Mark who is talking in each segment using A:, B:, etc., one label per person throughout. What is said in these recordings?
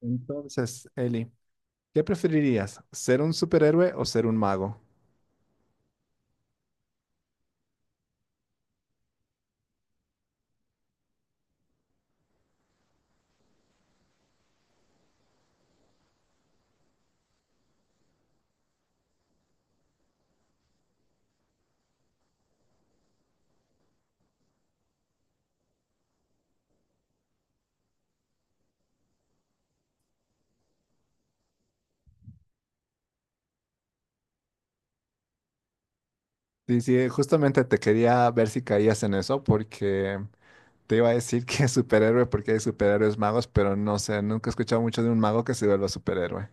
A: Entonces, Eli, ¿qué preferirías? ¿Ser un superhéroe o ser un mago? Sí, sí, justamente te quería ver si caías en eso porque te iba a decir que es superhéroe porque hay superhéroes magos, pero no sé, nunca he escuchado mucho de un mago que se vuelva superhéroe.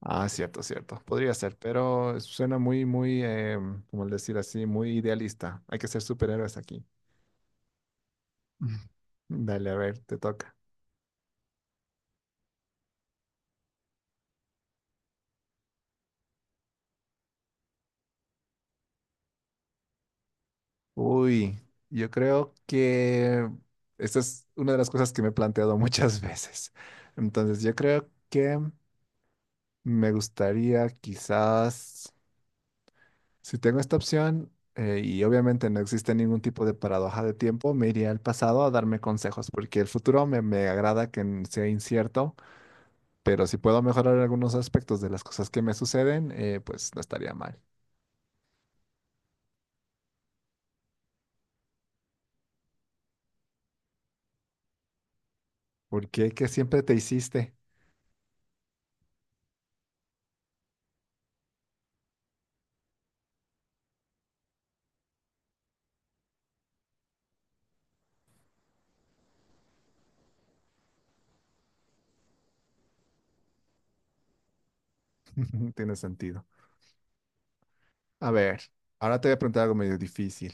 A: Ah, cierto, cierto. Podría ser, pero suena muy, muy, como decir así, muy idealista. Hay que ser superhéroes aquí. Dale, a ver, te toca. Uy, yo creo que esta es una de las cosas que me he planteado muchas veces. Entonces, yo creo que me gustaría quizás, si tengo esta opción, y obviamente no existe ningún tipo de paradoja de tiempo, me iría al pasado a darme consejos, porque el futuro me agrada que sea incierto, pero si puedo mejorar algunos aspectos de las cosas que me suceden, pues no estaría mal. ¿Porque que siempre te hiciste? Tiene sentido. A ver, ahora te voy a preguntar algo medio difícil.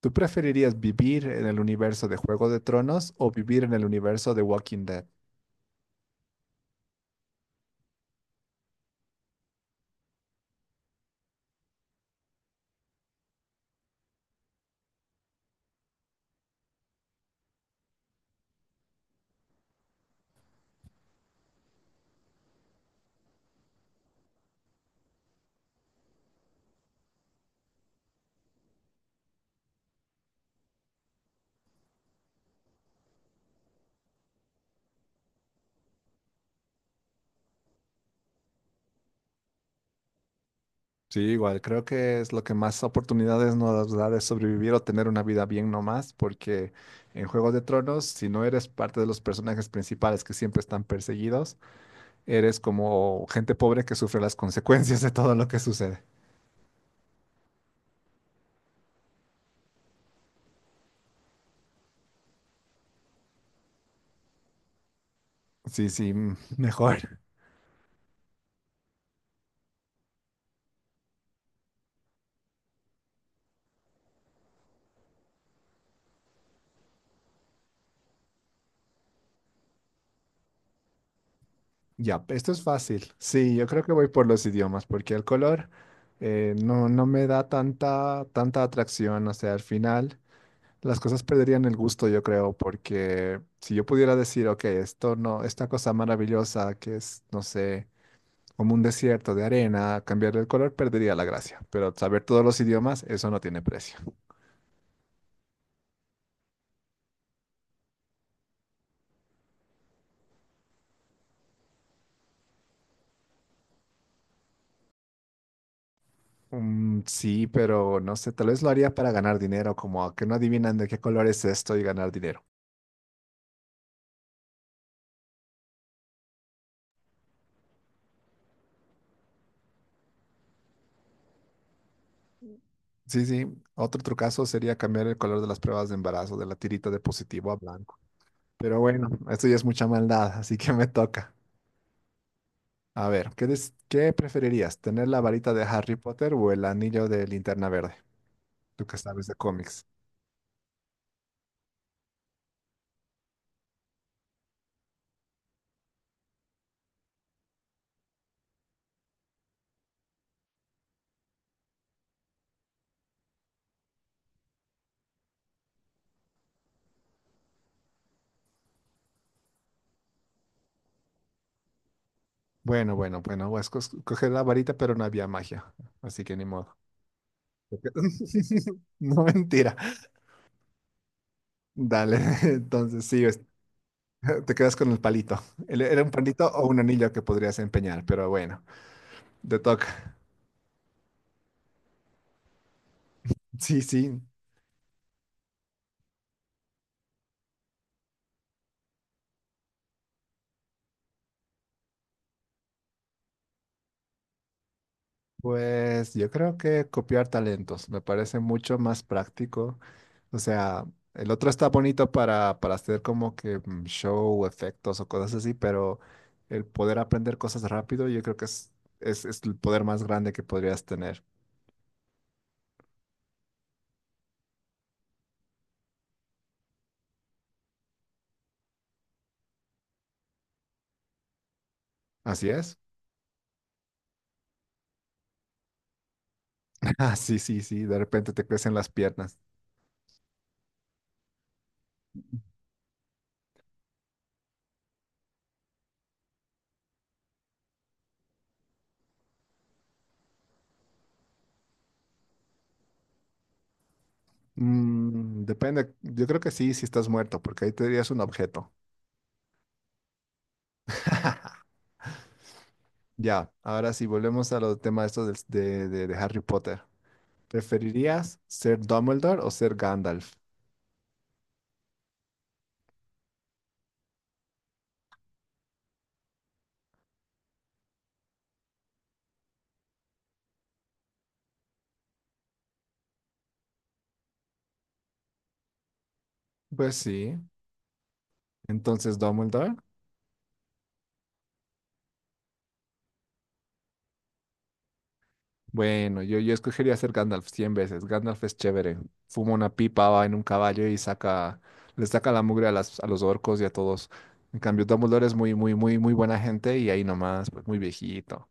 A: ¿Tú preferirías vivir en el universo de Juego de Tronos o vivir en el universo de Walking Dead? Sí, igual, creo que es lo que más oportunidades nos da de sobrevivir o tener una vida bien nomás, porque en Juego de Tronos, si no eres parte de los personajes principales que siempre están perseguidos, eres como gente pobre que sufre las consecuencias de todo lo que sucede. Sí, sí, mm, mejor. Ya, esto es fácil. Sí, yo creo que voy por los idiomas, porque el color no, no me da tanta, tanta atracción. O sea, al final las cosas perderían el gusto, yo creo, porque si yo pudiera decir, ok, esto no, esta cosa maravillosa que es, no sé, como un desierto de arena, cambiarle el color perdería la gracia. Pero saber todos los idiomas, eso no tiene precio. Mm, sí, pero no sé, tal vez lo haría para ganar dinero, como a que no adivinan de qué color es esto y ganar dinero. Sí, sí. Otro trucazo sería cambiar el color de las pruebas de embarazo, de la tirita de positivo a blanco. Pero bueno, esto ya es mucha maldad, así que me toca. A ver, ¿qué preferirías? ¿Tener la varita de Harry Potter o el anillo de Linterna Verde? Tú que sabes de cómics. Bueno, bueno, bueno, pues coger la varita, pero no había magia, así que ni modo. No, mentira. Dale, entonces sí, es- te quedas con el palito. Era un palito o un anillo que podrías empeñar, pero bueno, te toca. Sí, sí. Pues yo creo que copiar talentos me parece mucho más práctico. O sea, el otro está bonito para hacer como que mm, show, efectos o cosas así, pero el poder aprender cosas rápido, yo creo que es el poder más grande que podrías tener. Así es. Ah, sí, sí, sí. De repente te crecen las piernas. Mm, depende. Yo creo que sí, si estás muerto, porque ahí te dirías un objeto. Ya, ahora sí, volvemos a los temas estos de Harry Potter. ¿Preferirías ser Dumbledore o ser Gandalf? Pues sí. Entonces, Dumbledore. Bueno, yo escogería ser Gandalf cien veces. Gandalf es chévere. Fuma una pipa, va en un caballo y saca, le saca la mugre a, las, a los orcos y a todos. En cambio, Dumbledore es muy, muy, muy, muy buena gente y ahí nomás, pues muy viejito.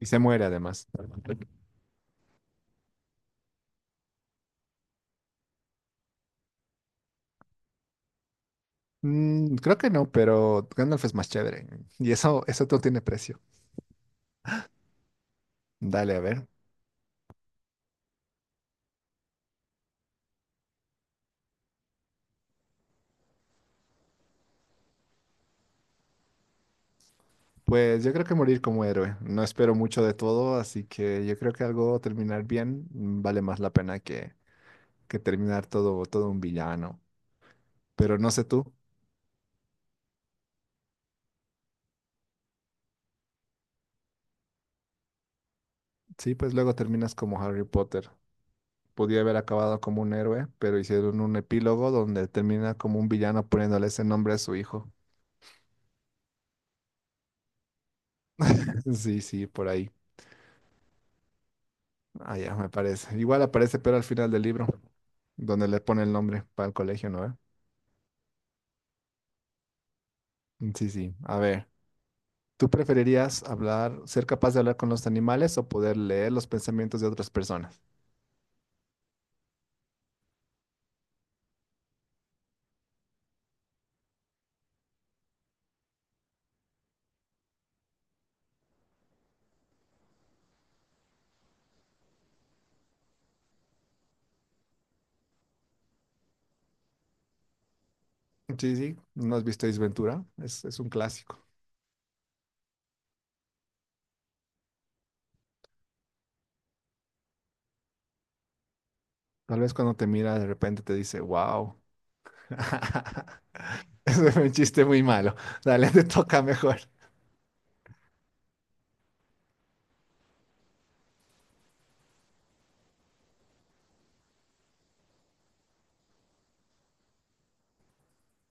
A: Y se muere además. Mm, creo que no, pero Gandalf es más chévere. Y eso no tiene precio. Dale, a ver. Pues yo creo que morir como héroe. No espero mucho de todo, así que yo creo que algo terminar bien mm, vale más la pena que terminar todo, todo un villano. Pero no sé tú. Sí, pues luego terminas como Harry Potter. Podía haber acabado como un héroe, pero hicieron un epílogo donde termina como un villano poniéndole ese nombre a su hijo. Sí, sí, por ahí. Ah, ya, me parece. Igual aparece, pero al final del libro, donde le pone el nombre para el colegio, ¿no? ¿Eh? Sí, sí. A ver. ¿Tú preferirías ser capaz de hablar con los animales o poder leer los pensamientos de otras personas? Sí, sí, ¿no has visto Ace Ventura? Es un clásico. Tal vez cuando te mira de repente te dice, wow. Ese fue un chiste muy malo. Dale, te toca mejor.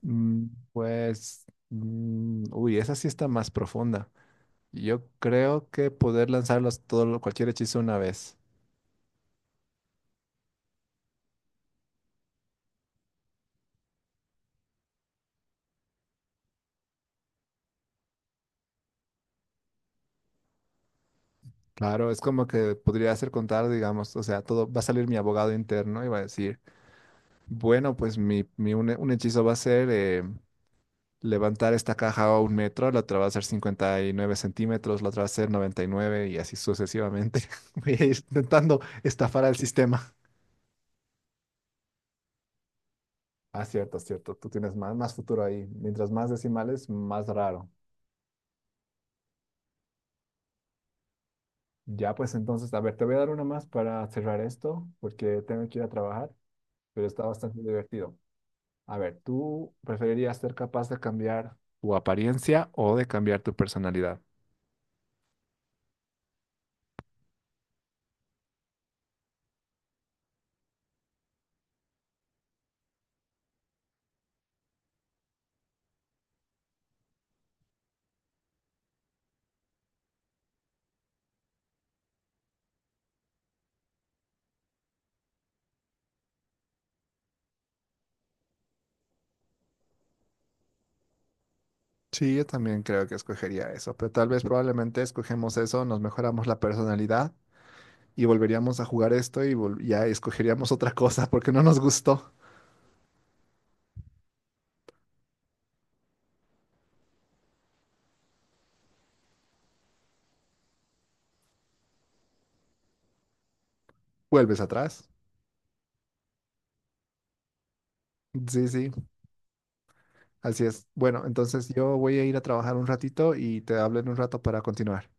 A: Mm, pues, mm, uy, esa sí está más profunda. Yo creo que poder lanzarlos cualquier hechizo una vez. Claro, es como que podría hacer contar, digamos, o sea, todo va a salir mi abogado interno y va a decir, bueno, pues un hechizo va a ser levantar esta caja a 1 metro, la otra va a ser 59 centímetros, la otra va a ser 99 y nueve y así sucesivamente. Voy a ir intentando estafar al sistema. Ah, cierto, cierto. Tú tienes más, más futuro ahí. Mientras más decimales, más raro. Ya, pues entonces, a ver, te voy a dar una más para cerrar esto, porque tengo que ir a trabajar, pero está bastante divertido. A ver, ¿tú preferirías ser capaz de cambiar tu apariencia o de cambiar tu personalidad? Sí, yo también creo que escogería eso, pero tal vez probablemente escogemos eso, nos mejoramos la personalidad y volveríamos a jugar esto y ya escogeríamos otra cosa porque no nos gustó. Vuelves atrás. Sí, sí, así es. Bueno, entonces yo voy a ir a trabajar un ratito y te hablo en un rato para continuar.